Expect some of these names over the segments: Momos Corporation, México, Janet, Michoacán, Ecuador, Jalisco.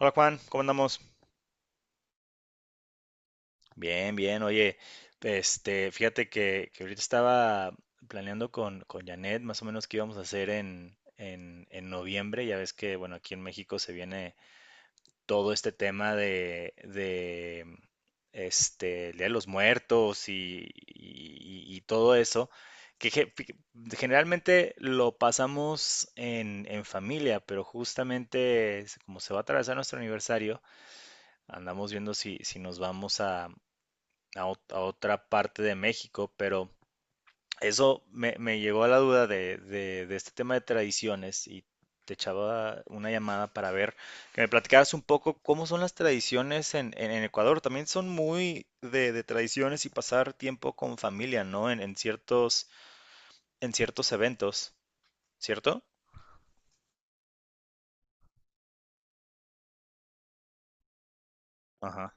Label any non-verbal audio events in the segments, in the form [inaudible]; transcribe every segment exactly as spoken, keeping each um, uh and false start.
Hola Juan, ¿cómo andamos? Bien, bien, oye, este, fíjate que, que ahorita estaba planeando con, con Janet más o menos qué íbamos a hacer en, en, en noviembre, ya ves que, bueno, aquí en México se viene todo este tema de, de este, el Día de los Muertos y, y- y todo eso, que ge- fi- generalmente lo pasamos en, en familia, pero justamente es como se va a atravesar nuestro aniversario. Andamos viendo si, si nos vamos a, a, ot- a otra parte de México, pero eso me, me llegó a la duda de, de- de este tema de tradiciones, y te echaba una llamada para ver que me platicaras un poco cómo son las tradiciones en, en- en Ecuador. También son muy de, de tradiciones y pasar tiempo con familia, ¿no? En, en ciertos, en ciertos eventos, ¿cierto? Ajá,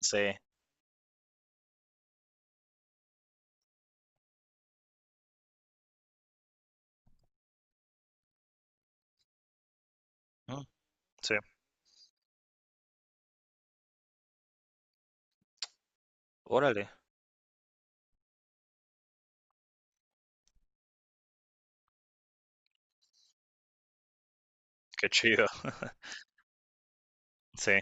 sí. Mm, sí. Órale, qué chido. [laughs] Sí.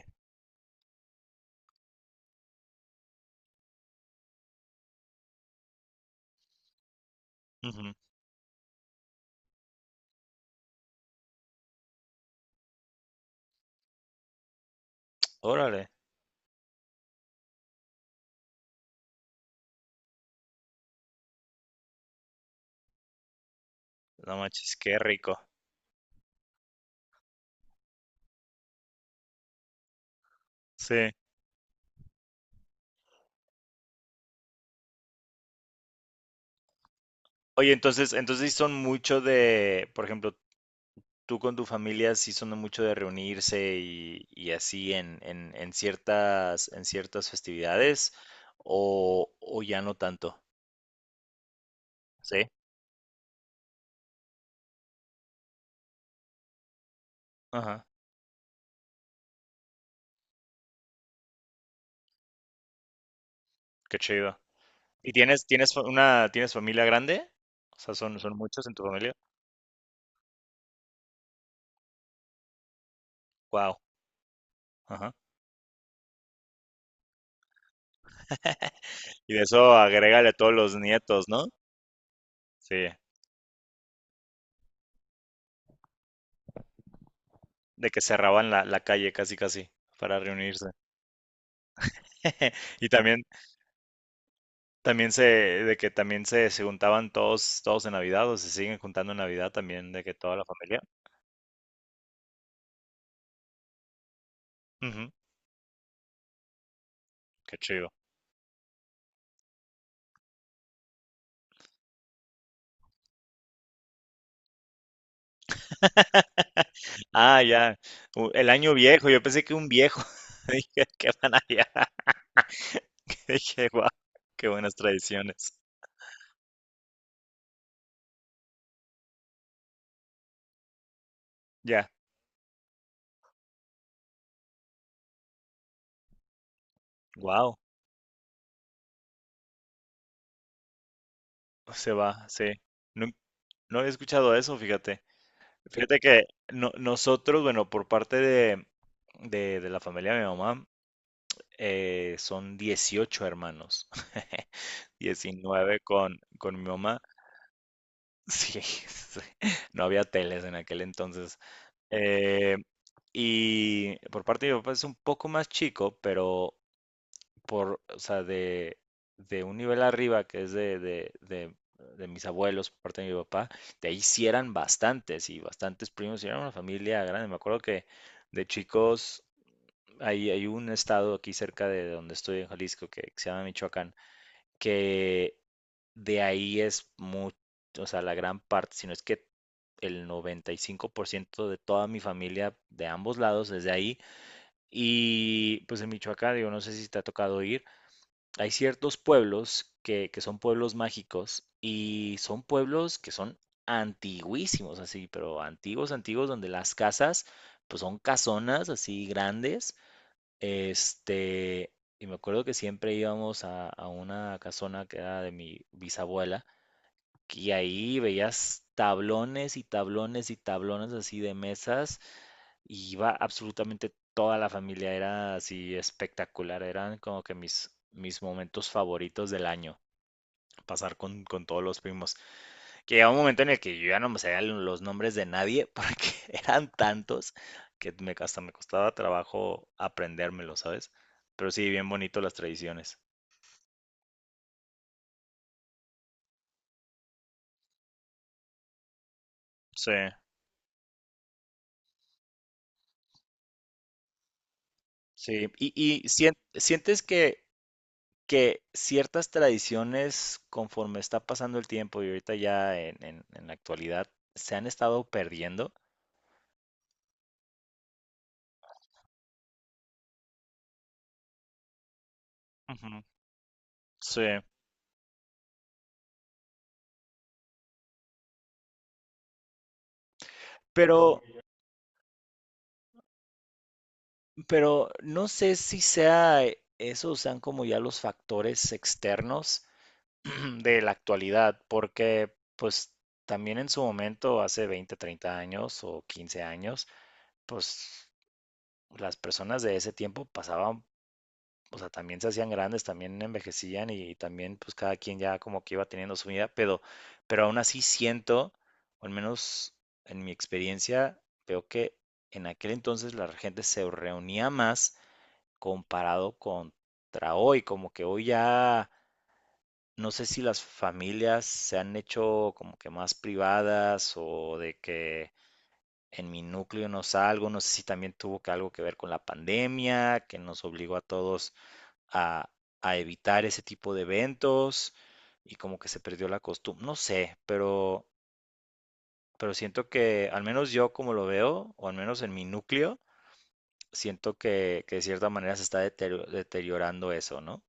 Ujú. Órale, no manches, qué rico. Sí. Oye, entonces, entonces sí son mucho de, por ejemplo, tú con tu familia sí son de mucho de reunirse y, y así en, en, en ciertas, en ciertas festividades, o, o ya no tanto. ¿Sí? Ajá, qué chido. ¿Y tienes, tienes fa- una, tienes familia grande? O sea, son, son muchos en tu familia. Wow. Ajá. Y de eso agrégale a todos los nietos, ¿no? Sí. De que cerraban la, la calle casi casi para reunirse. [laughs] Y también. También se, de que también se, se juntaban todos, todos en Navidad, o se siguen juntando en Navidad también, de que toda la familia. Ujú, qué chido. [laughs] Ah, ya. u- El año viejo, yo pensé que un viejo. [laughs] Dije, ¿qué van allá? [laughs] Dije, wow, qué buenas tradiciones. Ya, wow, se va, sí. No, no había escuchado eso, fíjate. Fíjate que no- nosotros, bueno, por parte de, de, de la familia de mi mamá, eh, son dieciocho hermanos. [laughs] Diecinueve con, con mi mamá. Sí, [laughs] sí, no había teles en aquel entonces. Eh, y por parte de mi papá es un poco más chico, pero por, o sea, de, de un nivel arriba, que es de, de, de- de mis abuelos, por parte de mi papá, de ahí sí eran bastantes y bastantes primos, y era una familia grande. Me acuerdo que de chicos, hay, hay un estado aquí cerca de donde estoy en Jalisco que se llama Michoacán, que de ahí es mucho, o sea, la gran parte, sino es que el noventa y cinco por ciento de toda mi familia de ambos lados desde ahí. Y pues en Michoacán, digo, no sé si te ha tocado ir, hay ciertos pueblos que, que son pueblos mágicos y son pueblos que son antiguísimos, así, pero antiguos, antiguos, donde las casas pues son casonas así grandes, este, y me acuerdo que siempre íbamos a, a una casona que era de mi bisabuela, y ahí veías tablones y tablones y tablones así de mesas, y iba absolutamente toda la familia, era así espectacular, eran como que mis, mis momentos favoritos del año, pasar con, con todos los primos, que llegaba un momento en el que yo ya no me sabía los nombres de nadie porque [laughs] eran tantos que me, hasta me costaba trabajo aprendérmelo, ¿sabes? Pero sí, bien bonito las tradiciones. Sí, sí. ¿Y, y sien- sientes que, que ciertas tradiciones, conforme está pasando el tiempo y ahorita ya en, en- en la actualidad, se han estado perdiendo? Ujú. Sí. Pero, pero no sé si sea eh, esos sean como ya los factores externos [clears throat] de la actualidad, porque pues también en su momento, hace veinte, treinta años o quince años, pues las personas de ese tiempo pasaban, o sea, también se hacían grandes, también envejecían y también pues cada quien ya como que iba teniendo su vida, pero, pero aún así siento, o al menos en mi experiencia, veo que en aquel entonces la gente se reunía más comparado contra hoy, como que hoy ya no sé si las familias se han hecho como que más privadas o de que en mi núcleo no salgo, no sé si también tuvo que algo que ver con la pandemia, que nos obligó a todos a, a evitar ese tipo de eventos y como que se perdió la costumbre, no sé, pero, pero siento que al menos yo como lo veo, o al menos en mi núcleo, siento que, que de cierta manera se está deterio- deteriorando eso, ¿no?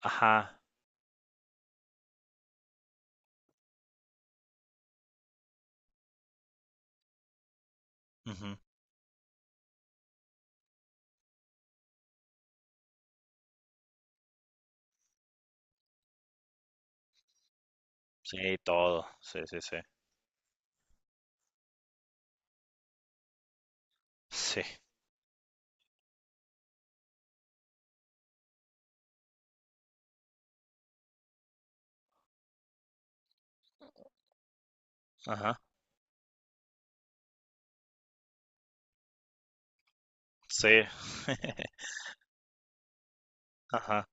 Ajá. Ujú. Sí, todo. Sí, sí, sí. Sí. Ajá. Sí. [laughs] Ajá.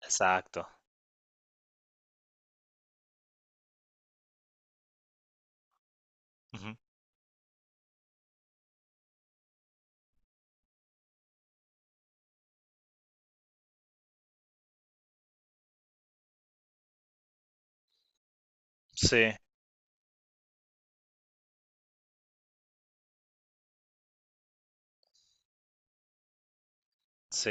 Exacto. Ujú. Sí, sí.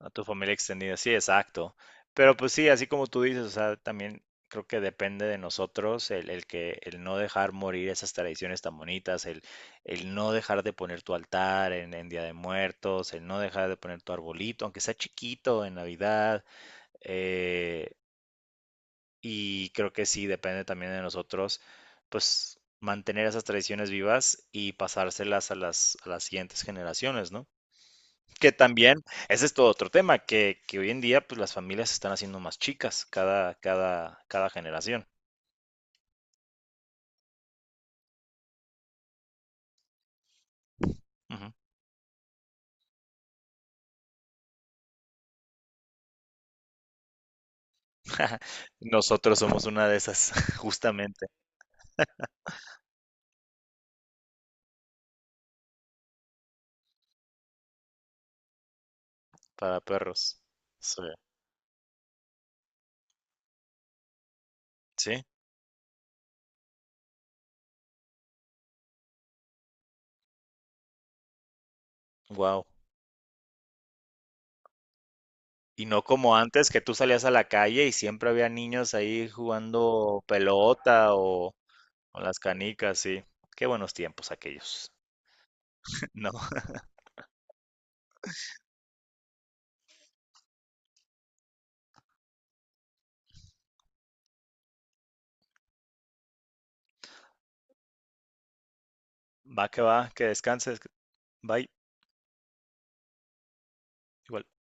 A tu familia extendida. Sí, exacto. Pero pues sí, así como tú dices, o sea, también creo que depende de nosotros el, el que el no dejar morir esas tradiciones tan bonitas, el, el no dejar de poner tu altar en, en Día de Muertos, el no dejar de poner tu arbolito, aunque sea chiquito en Navidad. eh, Y creo que sí, depende también de nosotros, pues mantener esas tradiciones vivas y pasárselas a las, a las siguientes generaciones, ¿no? Que también, ese es todo otro tema, que, que hoy en día pues las familias se están haciendo más chicas cada, cada, cada generación. Ujú. [laughs] Nosotros somos una de esas, [laughs] justamente, para perros. Sí. Sí, wow. Y no como antes, que tú salías a la calle y siempre había niños ahí jugando pelota o, con las canicas, sí. Qué buenos tiempos aquellos. [laughs] No, va que va, que descanses. Bye. Igual.